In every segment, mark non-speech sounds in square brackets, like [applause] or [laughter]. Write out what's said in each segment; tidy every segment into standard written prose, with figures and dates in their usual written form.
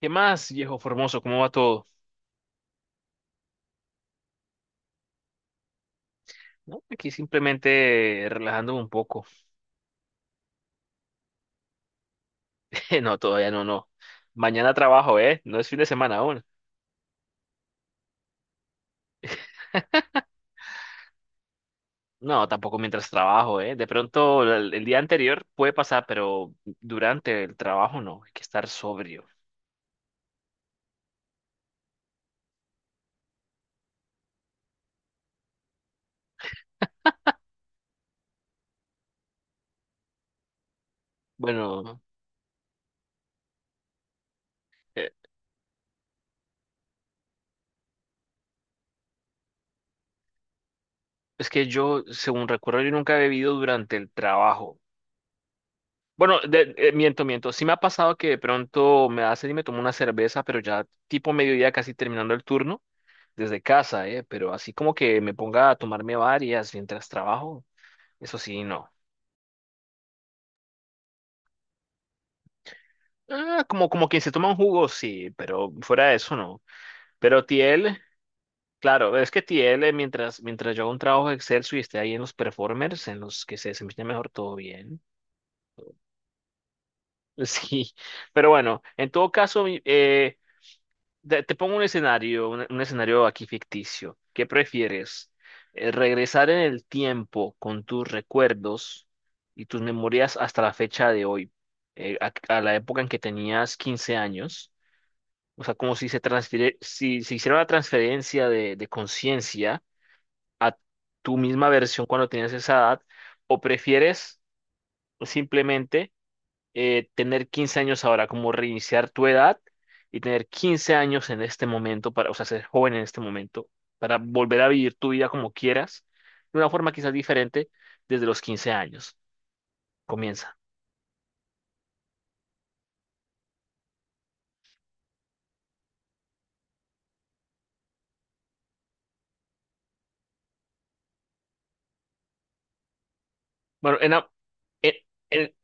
¿Qué más, viejo Formoso? ¿Cómo va todo? No, aquí simplemente relajándome un poco. [laughs] No, todavía no, no. Mañana trabajo, ¿eh? No es fin de semana aún. No, tampoco mientras trabajo, ¿eh? De pronto el día anterior puede pasar, pero durante el trabajo no. Hay que estar sobrio. Bueno, eh, es que yo, según recuerdo, yo nunca he bebido durante el trabajo. Bueno, miento, miento. Sí me ha pasado que de pronto me hace y me tomo una cerveza, pero ya tipo mediodía casi terminando el turno, desde casa, ¿eh? Pero así como que me ponga a tomarme varias mientras trabajo, eso sí, no. Ah, como quien se toma un jugo, sí, pero fuera de eso, no. Pero Tiel, claro, es que Tiel, mientras yo hago un trabajo excelso y esté ahí en los performers, en los que se desempeña mejor todo bien. [laughs] Sí, pero bueno, en todo caso, te pongo un escenario, un escenario aquí ficticio. ¿Qué prefieres? ¿Regresar en el tiempo con tus recuerdos y tus memorias hasta la fecha de hoy, a la época en que tenías 15 años? O sea, como si se transfiere, si se hiciera una transferencia de conciencia a tu misma versión cuando tenías esa edad, o prefieres simplemente tener 15 años ahora, como reiniciar tu edad y tener 15 años en este momento, para, o sea, ser joven en este momento, para volver a vivir tu vida como quieras, de una forma quizás diferente desde los 15 años. Comienza. Bueno, en, a- en, en-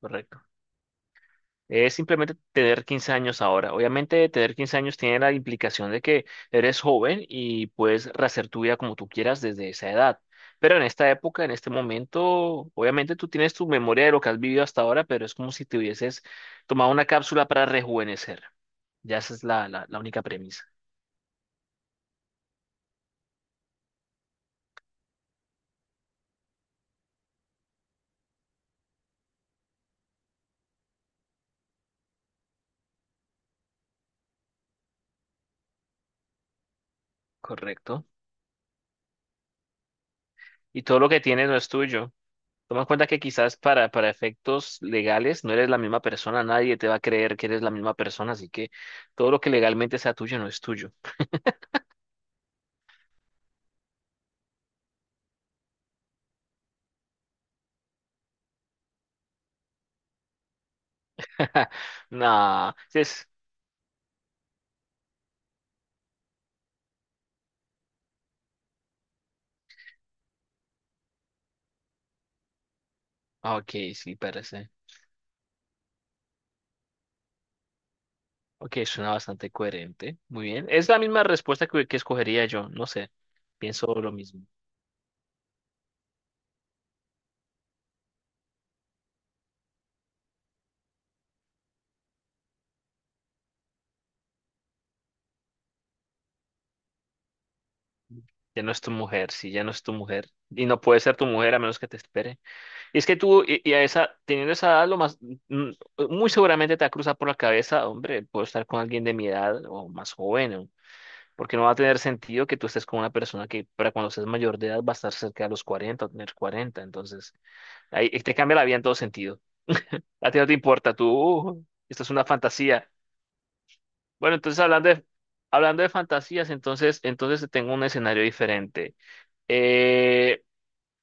correcto. Es simplemente tener 15 años ahora. Obviamente, tener 15 años tiene la implicación de que eres joven y puedes rehacer tu vida como tú quieras desde esa edad. Pero en esta época, en este momento, obviamente tú tienes tu memoria de lo que has vivido hasta ahora, pero es como si te hubieses tomado una cápsula para rejuvenecer. Ya esa es la única premisa. Correcto. Y todo lo que tienes no es tuyo. Toma en cuenta que quizás para efectos legales no eres la misma persona, nadie te va a creer que eres la misma persona, así que todo lo que legalmente sea tuyo no es tuyo. [laughs] Nah, sí es... Ok, sí, parece. Ok, suena bastante coherente. Muy bien. Es la misma respuesta que escogería yo, no sé. Pienso lo mismo. Ya no es tu mujer, sí, ya no es tu mujer. Y no puede ser tu mujer a menos que te espere. Y es que tú, y a esa, teniendo esa edad, lo más, mm, muy seguramente te va a cruzar por la cabeza, hombre, puedo estar con alguien de mi edad o más joven, porque no va a tener sentido que tú estés con una persona que para cuando seas mayor de edad va a estar cerca de los 40 o tener 40 entonces ahí te cambia la vida en todo sentido. A ti no te importa, tú, esto es una fantasía. Bueno, entonces hablando de fantasías, entonces tengo un escenario diferente. Eh,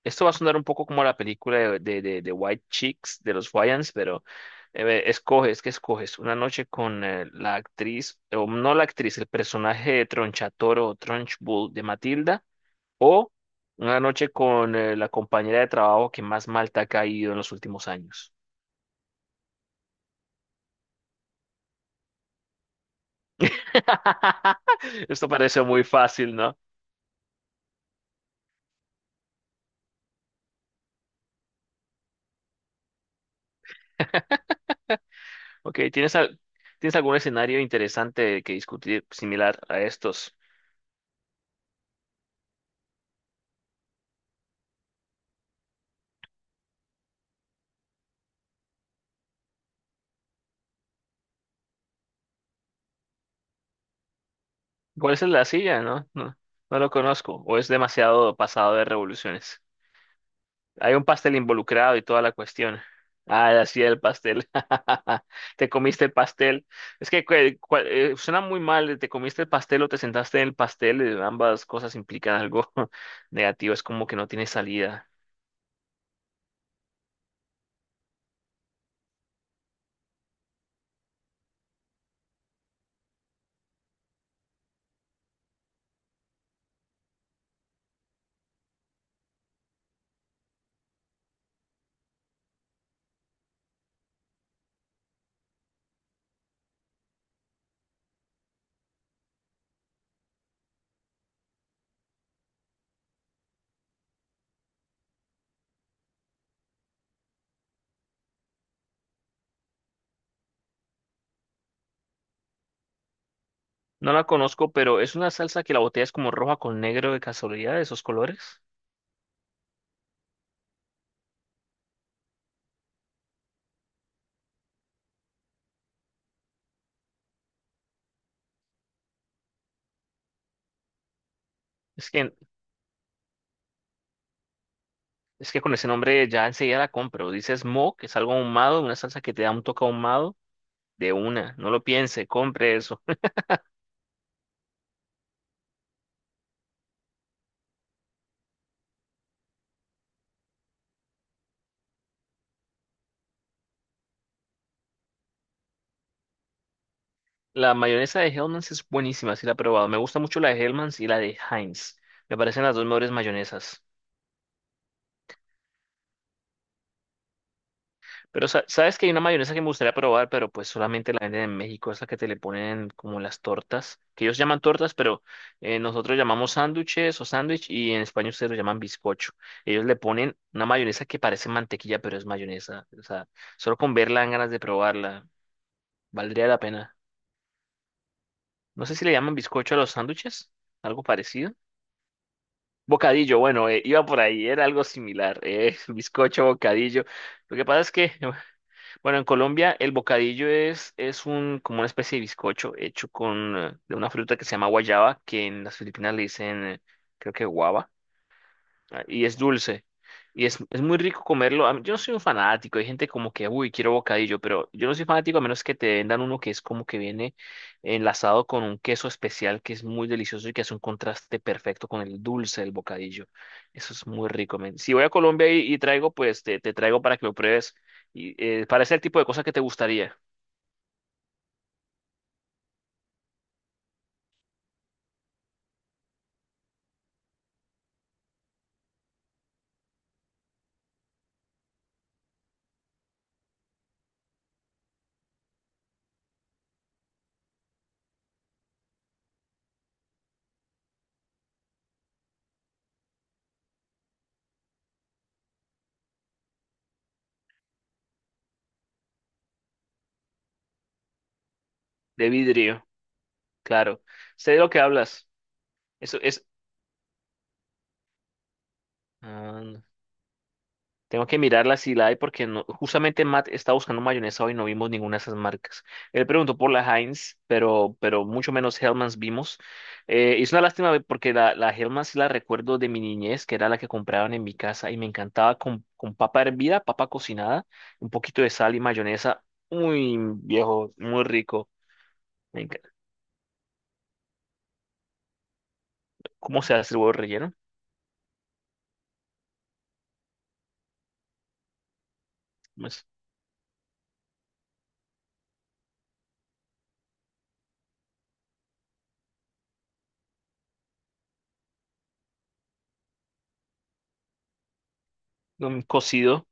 Esto va a sonar un poco como la película de White Chicks de los Wayans, pero escoges, ¿qué escoges? Una noche con la actriz, o no la actriz, el personaje de Tronchatoro o Trunchbull de Matilda, o una noche con la compañera de trabajo que más mal te ha caído en los últimos años. [laughs] Esto parece muy fácil, ¿no? Ok, ¿tienes algún escenario interesante que discutir similar a estos? ¿Cuál es el de la silla? No, no, no lo conozco. O es demasiado pasado de revoluciones. Hay un pastel involucrado y toda la cuestión. Ah, la silla del pastel. [laughs] Te comiste el pastel. Es que suena muy mal. Te comiste el pastel o te sentaste en el pastel. Ambas cosas implican algo [laughs] negativo. Es como que no tiene salida. No la conozco, pero es una salsa que la botella es como roja con negro de casualidad, de esos colores. Es que, es que con ese nombre ya enseguida la compro. Dices mo, que es algo ahumado, una salsa que te da un toque ahumado. De una, no lo piense, compre eso. [laughs] La mayonesa de Hellmann's es buenísima, si la he probado. Me gusta mucho la de Hellmann's y la de Heinz. Me parecen las dos mejores mayonesas. Pero sabes que hay una mayonesa que me gustaría probar, pero pues solamente la venden en México, esa que te le ponen como las tortas, que ellos llaman tortas, pero nosotros llamamos sándwiches o sándwich y en España ustedes lo llaman bizcocho. Ellos le ponen una mayonesa que parece mantequilla, pero es mayonesa. O sea, solo con verla dan ganas de probarla. Valdría la pena. No sé si le llaman bizcocho a los sándwiches, algo parecido. Bocadillo, bueno, iba por ahí, era algo similar, [laughs] bizcocho, bocadillo. Lo que pasa es que, [laughs] bueno, en Colombia el bocadillo es como una especie de bizcocho hecho con, de una fruta que se llama guayaba, que en las Filipinas le dicen, creo que guava ah, y es dulce. Y es muy rico comerlo. Yo no soy un fanático. Hay gente como que, uy, quiero bocadillo, pero yo no soy fanático a menos que te vendan uno que es como que viene enlazado con un queso especial que es muy delicioso y que hace un contraste perfecto con el dulce del bocadillo. Eso es muy rico, men. Si voy a Colombia y traigo, pues te traigo para que lo pruebes. Y para ese tipo de cosas que te gustaría. De vidrio, claro. Sé de lo que hablas. Eso es. Ah, tengo que mirarla si la hay porque no, justamente Matt está buscando mayonesa hoy y no vimos ninguna de esas marcas. Él preguntó por la Heinz, pero mucho menos Hellmann's vimos. Es una lástima porque la Hellmann's sí la recuerdo de mi niñez, que era la que compraban en mi casa y me encantaba con papa hervida, papa cocinada, un poquito de sal y mayonesa. Muy viejo, muy rico. Me encanta. ¿Cómo se hace el huevo relleno? Pues, no, un cocido.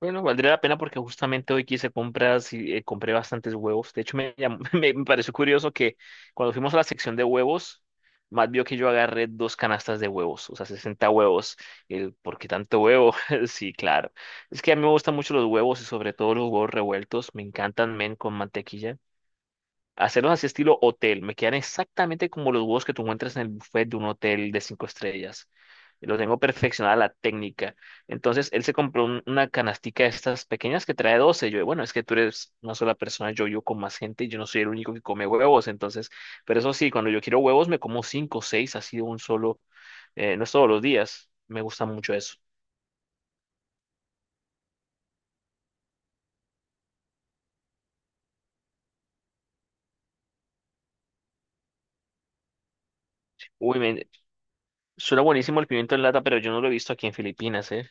Bueno, valdría la pena porque justamente hoy quise compras y compré bastantes huevos. De hecho, [laughs] me pareció curioso que cuando fuimos a la sección de huevos, Matt vio que yo agarré dos canastas de huevos, o sea, 60 huevos. El, ¿por qué tanto huevo? [laughs] Sí, claro. Es que a mí me gustan mucho los huevos y sobre todo los huevos revueltos. Me encantan, men, con mantequilla. Hacerlos así estilo hotel. Me quedan exactamente como los huevos que tú encuentras en el buffet de un hotel de cinco estrellas. Lo tengo perfeccionada la técnica. Entonces, él se compró una canastica de estas pequeñas que trae 12. Yo, bueno, es que tú eres una sola persona, yo con más gente y yo no soy el único que come huevos. Entonces, pero eso sí, cuando yo quiero huevos, me como cinco o seis, así de un solo, no es todos los días. Me gusta mucho eso. Uy, men, suena buenísimo el pimiento en lata, pero yo no lo he visto aquí en Filipinas, ¿eh?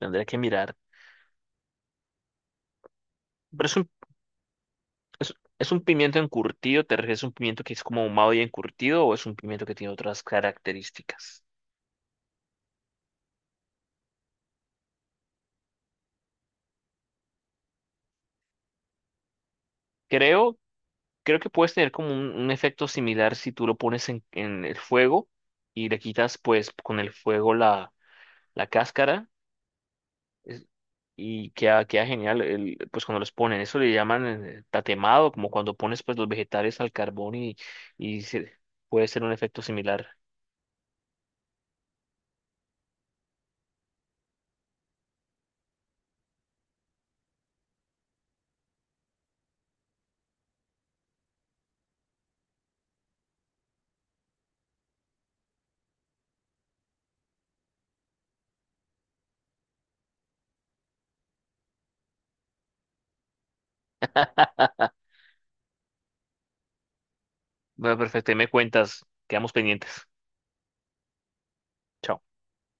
Tendré que mirar. Pero es un ¿Es, es un pimiento encurtido? ¿Te refieres a un pimiento que es como ahumado y encurtido o es un pimiento que tiene otras características? Creo, creo que puedes tener como un efecto similar si tú lo pones en el fuego y le quitas pues con el fuego la cáscara es- y queda genial el, pues cuando los ponen. Eso le llaman tatemado, como cuando pones pues los vegetales al carbón y se- puede ser un efecto similar. [laughs] Bueno, perfecto, ahí me cuentas, quedamos pendientes. Chao.